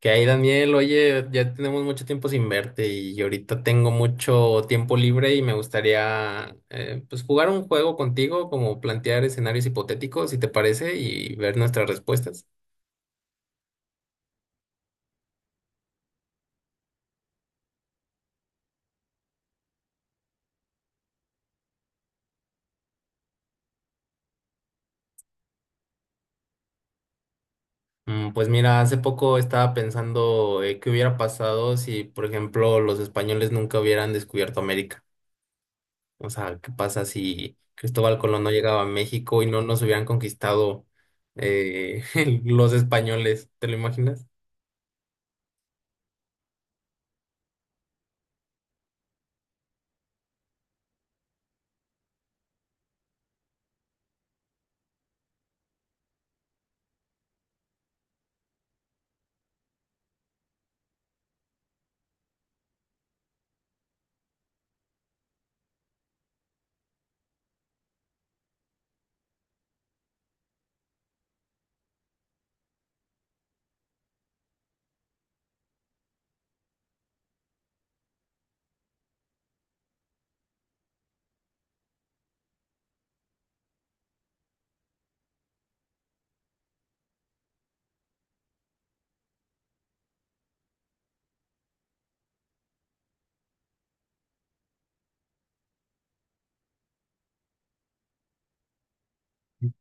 Daniel, oye, ya tenemos mucho tiempo sin verte y ahorita tengo mucho tiempo libre y me gustaría pues jugar un juego contigo, como plantear escenarios hipotéticos, si te parece, y ver nuestras respuestas. Pues mira, hace poco estaba pensando qué hubiera pasado si, por ejemplo, los españoles nunca hubieran descubierto América. O sea, ¿qué pasa si Cristóbal Colón no llegaba a México y no nos hubieran conquistado eh, los españoles? ¿Te lo imaginas?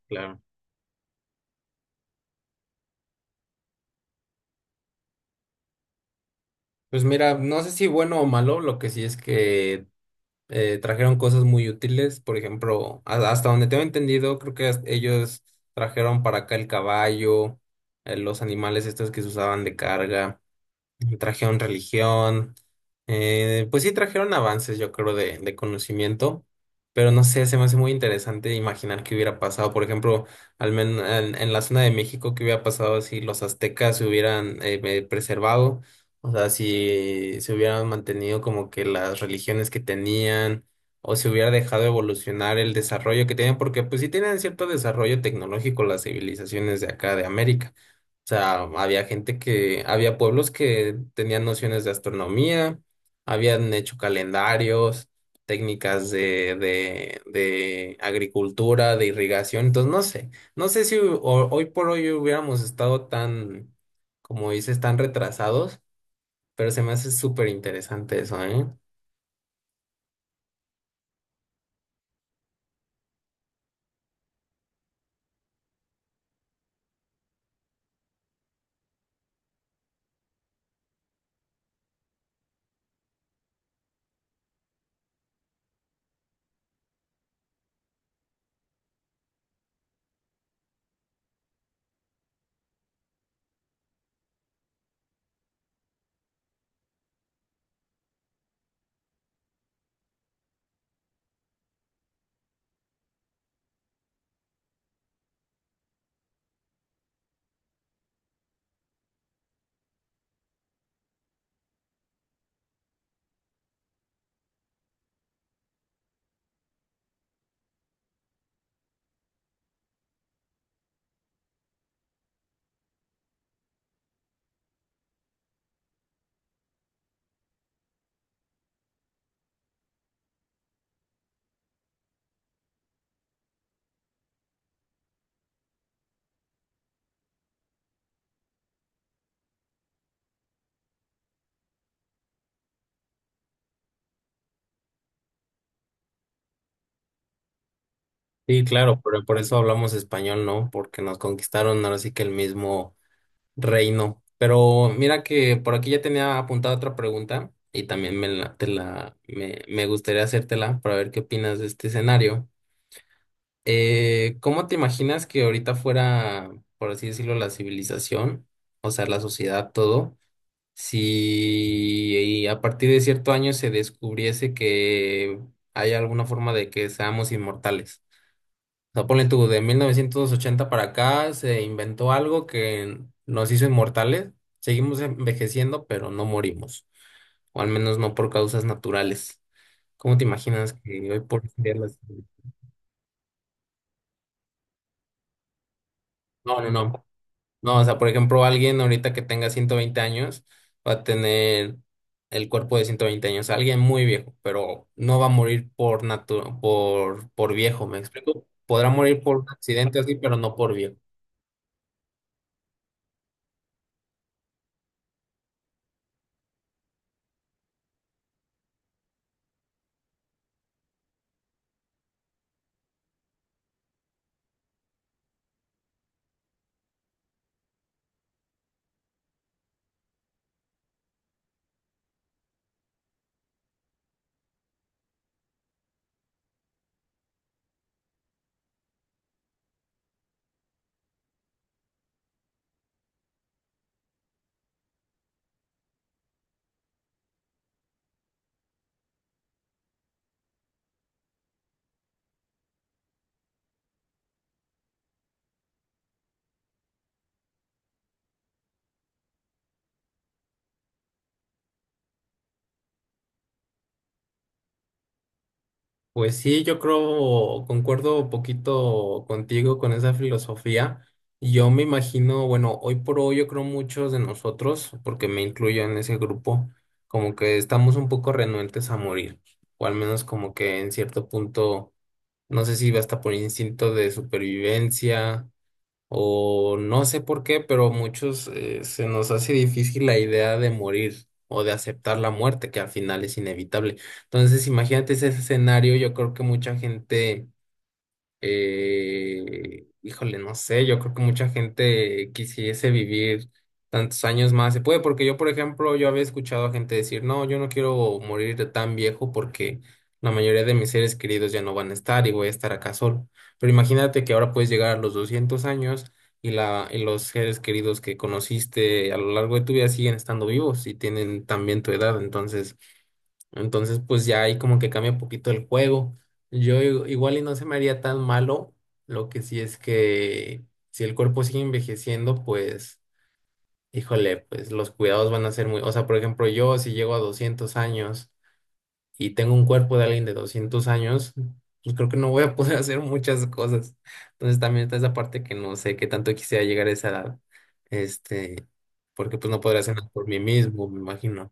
Claro. Pues mira, no sé si bueno o malo, lo que sí es que trajeron cosas muy útiles. Por ejemplo, hasta donde tengo entendido, creo que hasta ellos trajeron para acá el caballo, los animales estos que se usaban de carga trajeron religión, pues sí trajeron avances, yo creo, de conocimiento, pero no sé, se me hace muy interesante imaginar qué hubiera pasado, por ejemplo, al menos en la zona de México, qué hubiera pasado si los aztecas se hubieran preservado, o sea, si se hubieran mantenido como que las religiones que tenían, o se hubiera dejado evolucionar el desarrollo que tenían, porque pues sí tienen cierto desarrollo tecnológico las civilizaciones de acá de América, sea, había gente que, había pueblos que tenían nociones de astronomía, habían hecho calendarios, técnicas de agricultura, de irrigación. Entonces, no sé, no sé si hoy por hoy hubiéramos estado tan, como dices, tan retrasados, pero se me hace súper interesante eso, ¿eh? Sí, claro, pero por eso hablamos español, ¿no? Porque nos conquistaron, ahora sí que el mismo Reino. Pero mira que por aquí ya tenía apuntada otra pregunta y también me, la, te la, me gustaría hacértela para ver qué opinas de este escenario. ¿Cómo te imaginas que ahorita fuera, por así decirlo, la civilización, o sea, la sociedad, todo, si a partir de cierto año se descubriese que hay alguna forma de que seamos inmortales? O sea, ponle tú, de 1980 para acá se inventó algo que nos hizo inmortales. Seguimos envejeciendo, pero no morimos. O al menos no por causas naturales. ¿Cómo te imaginas que hoy por día las... No, no, no. No, o sea, por ejemplo, alguien ahorita que tenga 120 años va a tener el cuerpo de 120 años. Alguien muy viejo, pero no va a morir por natu por viejo, ¿me explico? Podrá morir por accidente así, pero no por viejo. Pues sí, yo creo, concuerdo un poquito contigo con esa filosofía. Yo me imagino, bueno, hoy por hoy yo creo muchos de nosotros, porque me incluyo en ese grupo, como que estamos un poco renuentes a morir, o al menos como que en cierto punto, no sé si va hasta por instinto de supervivencia o no sé por qué, pero muchos se nos hace difícil la idea de morir o de aceptar la muerte, que al final es inevitable. Entonces, imagínate ese escenario, yo creo que mucha gente híjole, no sé, yo creo que mucha gente quisiese vivir tantos años más. Se puede, porque yo, por ejemplo, yo había escuchado a gente decir, no, yo no quiero morir de tan viejo porque la mayoría de mis seres queridos ya no van a estar y voy a estar acá solo. Pero imagínate que ahora puedes llegar a los 200 años y, y los seres queridos que conociste a lo largo de tu vida siguen estando vivos y tienen también tu edad. Entonces, pues ya ahí como que cambia un poquito el juego. Yo igual y no se me haría tan malo. Lo que sí es que si el cuerpo sigue envejeciendo, pues, híjole, pues los cuidados van a ser muy... O sea, por ejemplo, yo si llego a 200 años y tengo un cuerpo de alguien de 200 años, pues creo que no voy a poder hacer muchas cosas. Entonces también está esa parte que no sé qué tanto quisiera llegar a esa edad. Este, porque pues no podré hacer nada por mí mismo, me imagino.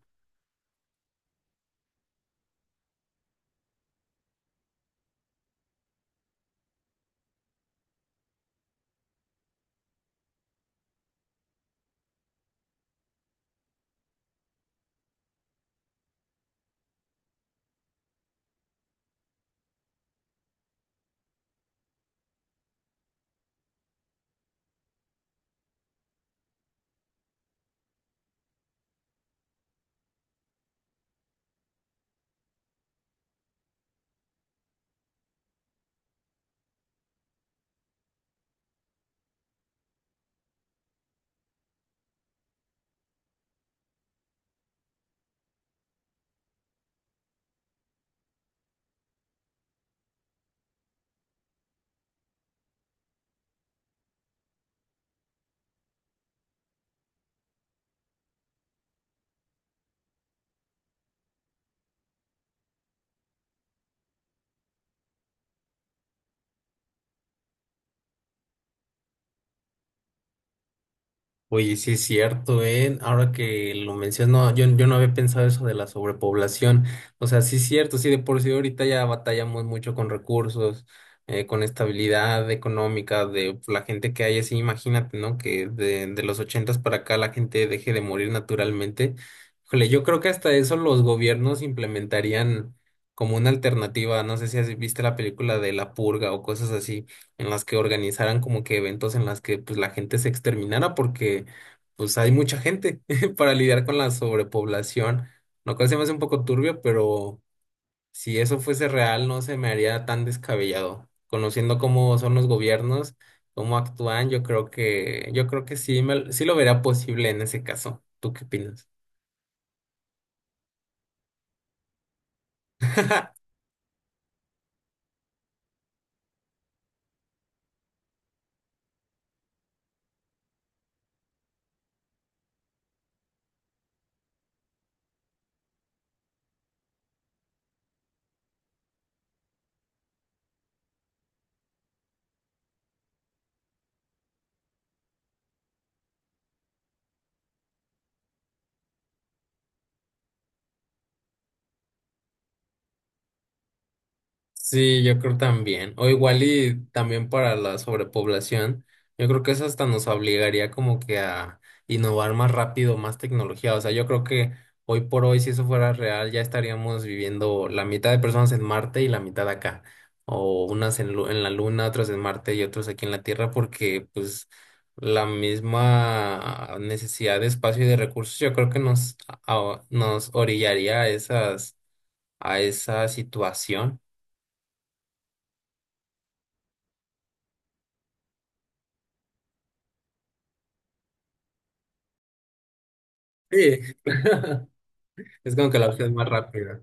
Oye, sí es cierto, ¿eh? Ahora que lo menciono, yo no había pensado eso de la sobrepoblación. O sea, sí es cierto, sí, de por sí ahorita ya batallamos mucho con recursos, con estabilidad económica de la gente que hay, así imagínate, ¿no? Que de los ochentas para acá la gente deje de morir naturalmente. Híjole, yo creo que hasta eso los gobiernos implementarían como una alternativa. No sé si has visto la película de La Purga o cosas así en las que organizaran como que eventos en las que pues la gente se exterminara porque pues hay mucha gente para lidiar con la sobrepoblación, lo cual se me hace un poco turbio, pero si eso fuese real no se me haría tan descabellado. Conociendo cómo son los gobiernos, cómo actúan, yo creo que sí me, sí lo vería posible en ese caso. ¿Tú qué opinas? Sí, yo creo también. O igual y también para la sobrepoblación, yo creo que eso hasta nos obligaría como que a innovar más rápido, más tecnología. O sea, yo creo que hoy por hoy, si eso fuera real, ya estaríamos viviendo la mitad de personas en Marte y la mitad acá. O unas en, en la Luna, otras en Marte y otros aquí en la Tierra, porque pues la misma necesidad de espacio y de recursos, yo creo que nos, nos orillaría a esas, a esa situación. Sí, es como que la opción más rápida.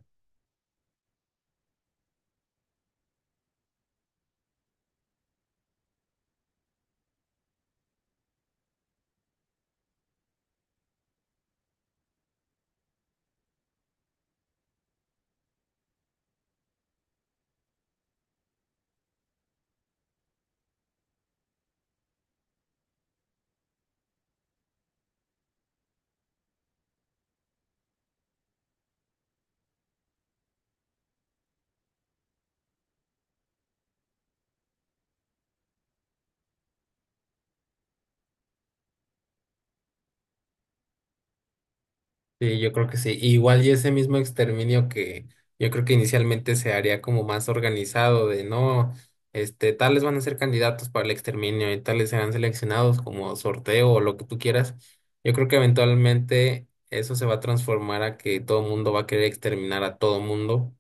Sí, yo creo que sí. Igual y ese mismo exterminio que yo creo que inicialmente se haría como más organizado de no, este, tales van a ser candidatos para el exterminio y tales serán seleccionados como sorteo o lo que tú quieras. Yo creo que eventualmente eso se va a transformar a que todo mundo va a querer exterminar a todo mundo.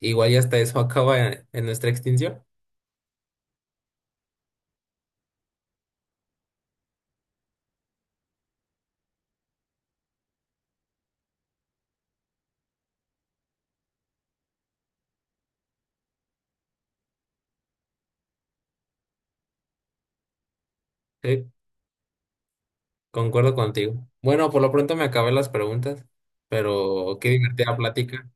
Igual y hasta eso acaba en nuestra extinción. Sí. Concuerdo contigo. Bueno, por lo pronto me acabé las preguntas, pero qué divertida plática.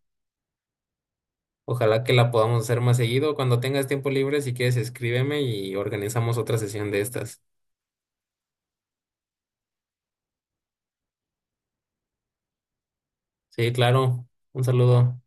Ojalá que la podamos hacer más seguido. Cuando tengas tiempo libre, si quieres, escríbeme y organizamos otra sesión de estas. Sí, claro. Un saludo.